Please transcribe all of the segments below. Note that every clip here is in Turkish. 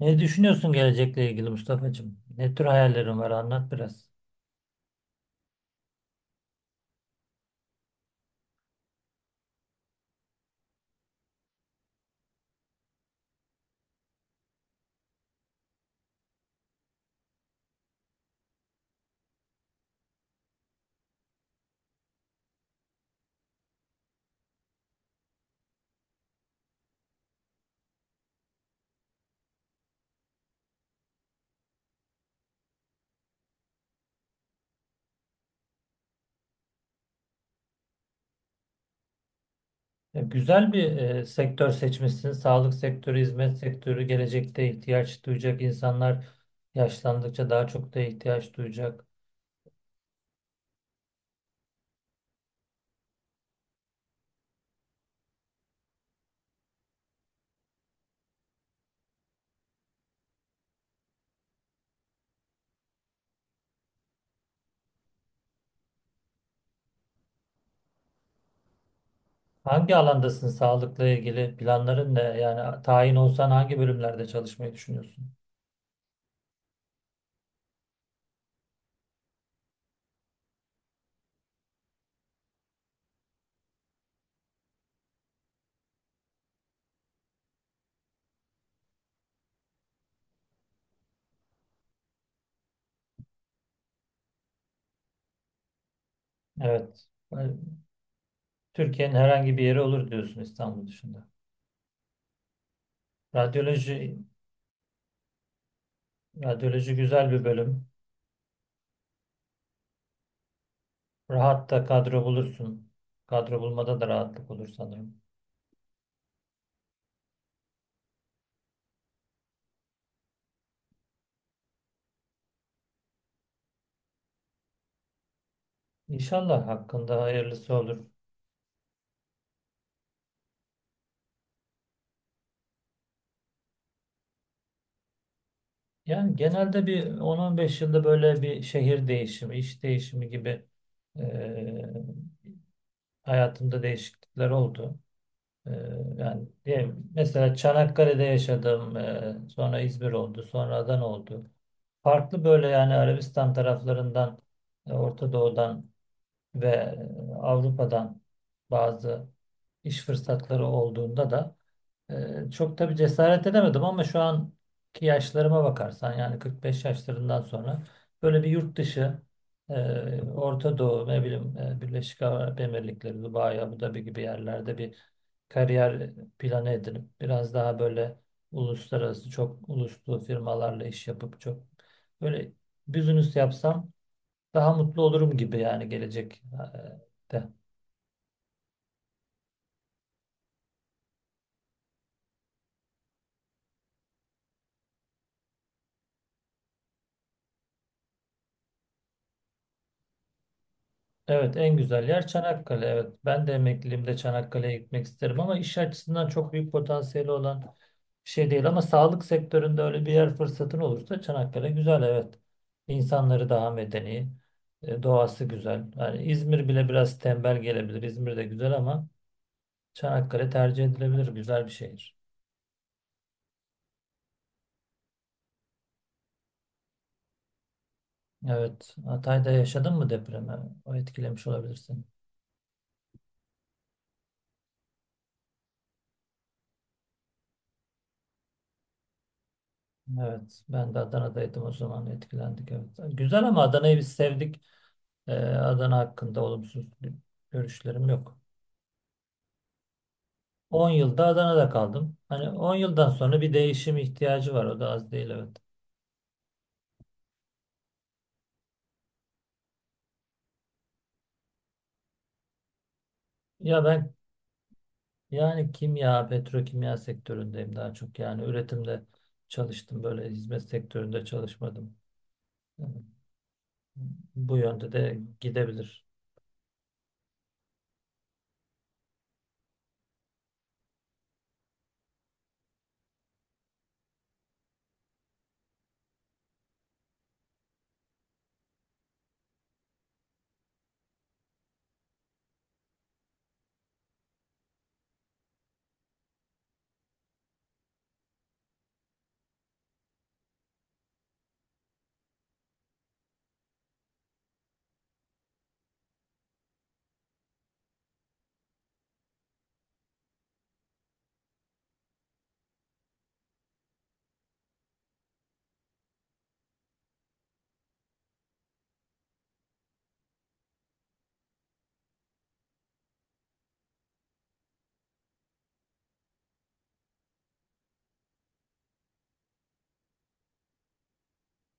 Ne düşünüyorsun gelecekle ilgili Mustafa'cığım? Ne tür hayallerin var? Anlat biraz. Ya güzel bir sektör seçmişsin. Sağlık sektörü, hizmet sektörü gelecekte ihtiyaç duyacak insanlar yaşlandıkça daha çok da ihtiyaç duyacak. Hangi alandasın sağlıkla ilgili? Planların ne? Yani tayin olsan hangi bölümlerde çalışmayı düşünüyorsun? Evet. Ben- Türkiye'nin herhangi bir yeri olur diyorsun İstanbul dışında. Radyoloji, radyoloji güzel bir bölüm. Rahat da kadro bulursun. Kadro bulmada da rahatlık olur sanırım. İnşallah hakkında hayırlısı olur. Yani genelde bir 10 beş yılda böyle bir şehir değişimi, iş değişimi gibi eee, hayatımda değişiklikler oldu. Yani diyelim, mesela Çanakkale'de yaşadım, sonra İzmir oldu, sonra Adana oldu. Farklı böyle yani Arabistan taraflarından, Orta Doğu'dan ve Avrupa'dan bazı iş fırsatları olduğunda da çok tabii cesaret edemedim ama şu anki yaşlarıma bakarsan yani 45 yaşlarından sonra böyle bir yurt dışı Orta Doğu ne bileyim Birleşik Arap Emirlikleri, Dubai, Abu Dhabi gibi yerlerde bir kariyer planı edinip biraz daha böyle uluslararası çok uluslu firmalarla iş yapıp çok böyle business yapsam daha mutlu olurum gibi yani gelecek de. Evet en güzel yer Çanakkale. Evet ben de emekliliğimde Çanakkale'ye gitmek isterim ama iş açısından çok büyük potansiyeli olan bir şey değil. Ama sağlık sektöründe öyle bir yer fırsatın olursa Çanakkale güzel, evet. İnsanları daha medeni, doğası güzel. Yani İzmir bile biraz tembel gelebilir. İzmir de güzel ama Çanakkale tercih edilebilir güzel bir şehir. Evet, Hatay'da yaşadın mı depremi? O etkilemiş olabilirsin. Evet ben de Adana'daydım o zaman, etkilendik evet. Güzel ama Adana'yı biz sevdik. Adana hakkında olumsuz bir görüşlerim yok. 10 yılda Adana'da kaldım. Hani 10 yıldan sonra bir değişim ihtiyacı var. O da az değil, evet. Ya ben yani kimya, petrokimya sektöründeyim daha çok. Yani üretimde çalıştım. Böyle hizmet sektöründe çalışmadım. Yani bu yönde de gidebilir.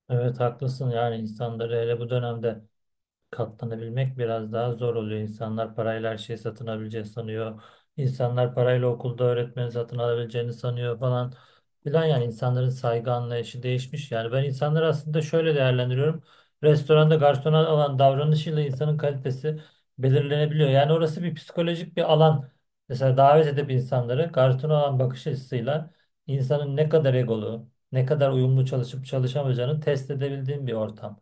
Evet haklısın, yani insanları hele bu dönemde katlanabilmek biraz daha zor oluyor. İnsanlar parayla her şeyi satın alabileceğini sanıyor. İnsanlar parayla okulda öğretmeni satın alabileceğini sanıyor falan filan. Yani insanların saygı anlayışı değişmiş. Yani ben insanları aslında şöyle değerlendiriyorum. Restoranda garsona olan davranışıyla insanın kalitesi belirlenebiliyor. Yani orası bir psikolojik bir alan. Mesela davet edip insanları garsona olan bakış açısıyla insanın ne kadar egolu, ne kadar uyumlu çalışıp çalışamayacağını test edebildiğim bir ortam.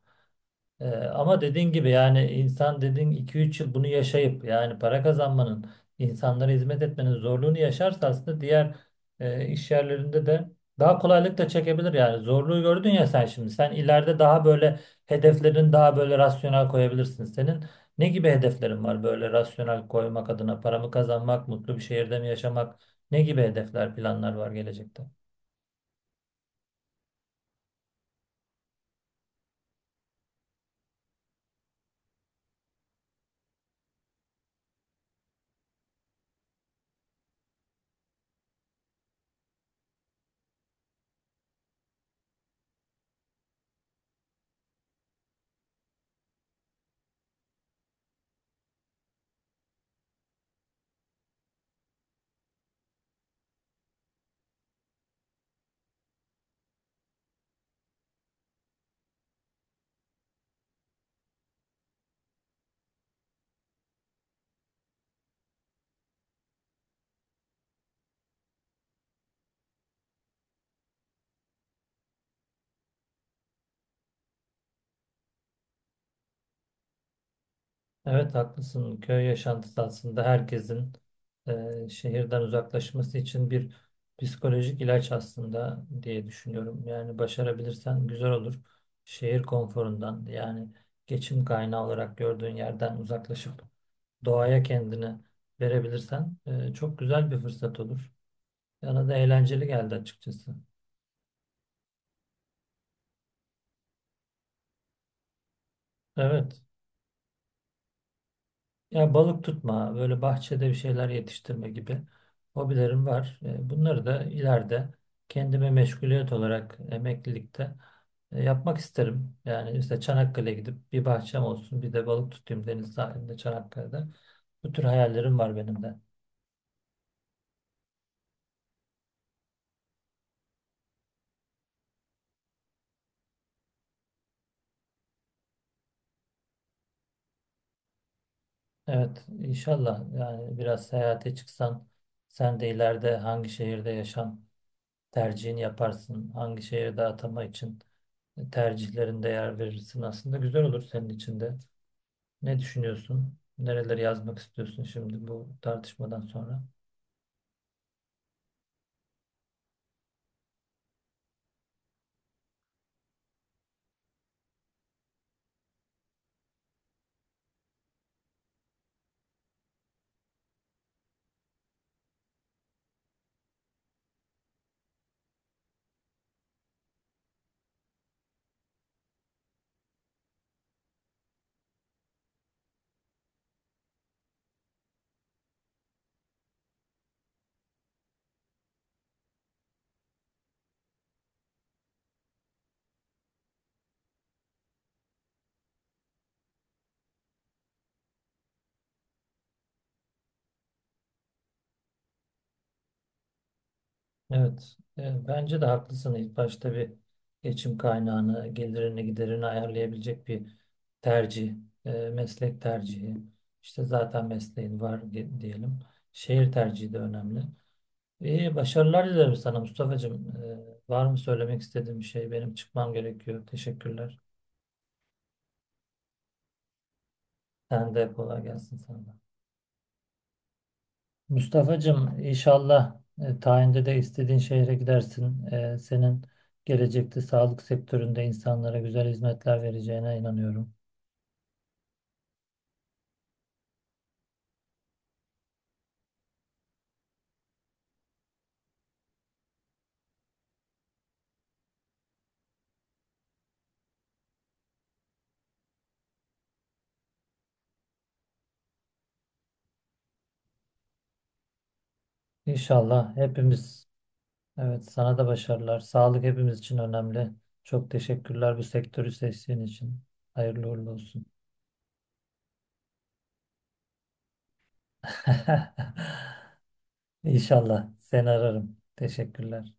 Ama dediğin gibi yani insan dediğin iki üç yıl bunu yaşayıp yani para kazanmanın, insanlara hizmet etmenin zorluğunu yaşarsa aslında diğer iş yerlerinde de daha kolaylıkla çekebilir yani. Zorluğu gördün ya sen şimdi. Sen ileride daha böyle hedeflerin daha böyle rasyonel koyabilirsin. Senin ne gibi hedeflerin var böyle rasyonel koymak adına? Para mı kazanmak, mutlu bir şehirde mi yaşamak? Ne gibi hedefler, planlar var gelecekte? Evet haklısın. Köy yaşantısı aslında herkesin şehirden uzaklaşması için bir psikolojik ilaç aslında diye düşünüyorum. Yani başarabilirsen güzel olur. Şehir konforundan yani geçim kaynağı olarak gördüğün yerden uzaklaşıp doğaya kendini verebilirsen çok güzel bir fırsat olur. Bana da eğlenceli geldi açıkçası. Evet. Ya balık tutma, böyle bahçede bir şeyler yetiştirme gibi hobilerim var. E, bunları da ileride kendime meşguliyet olarak emeklilikte yapmak isterim. Yani işte Çanakkale'ye gidip bir bahçem olsun, bir de balık tutayım deniz sahilinde Çanakkale'de. Bu tür hayallerim var benim de. Evet, inşallah yani biraz seyahate çıksan sen de ileride hangi şehirde yaşam tercihini yaparsın, hangi şehirde atama için tercihlerinde yer verirsin, aslında güzel olur senin için de. Ne düşünüyorsun? Nereleri yazmak istiyorsun şimdi bu tartışmadan sonra? Evet, bence de haklısın. İlk başta bir geçim kaynağını, gelirini, giderini ayarlayabilecek bir tercih, meslek tercihi. İşte zaten mesleğin var diyelim. Şehir tercihi de önemli. İyi, başarılar dilerim sana Mustafa'cığım. Var mı söylemek istediğin bir şey? Benim çıkmam gerekiyor. Teşekkürler. Sen de kolay gelsin sana. Mustafa'cığım inşallah tayinde de istediğin şehre gidersin. E, senin gelecekte sağlık sektöründe insanlara güzel hizmetler vereceğine inanıyorum. İnşallah hepimiz, evet sana da başarılar. Sağlık hepimiz için önemli. Çok teşekkürler bu sektörü seçtiğin için. Hayırlı uğurlu olsun. İnşallah seni ararım. Teşekkürler.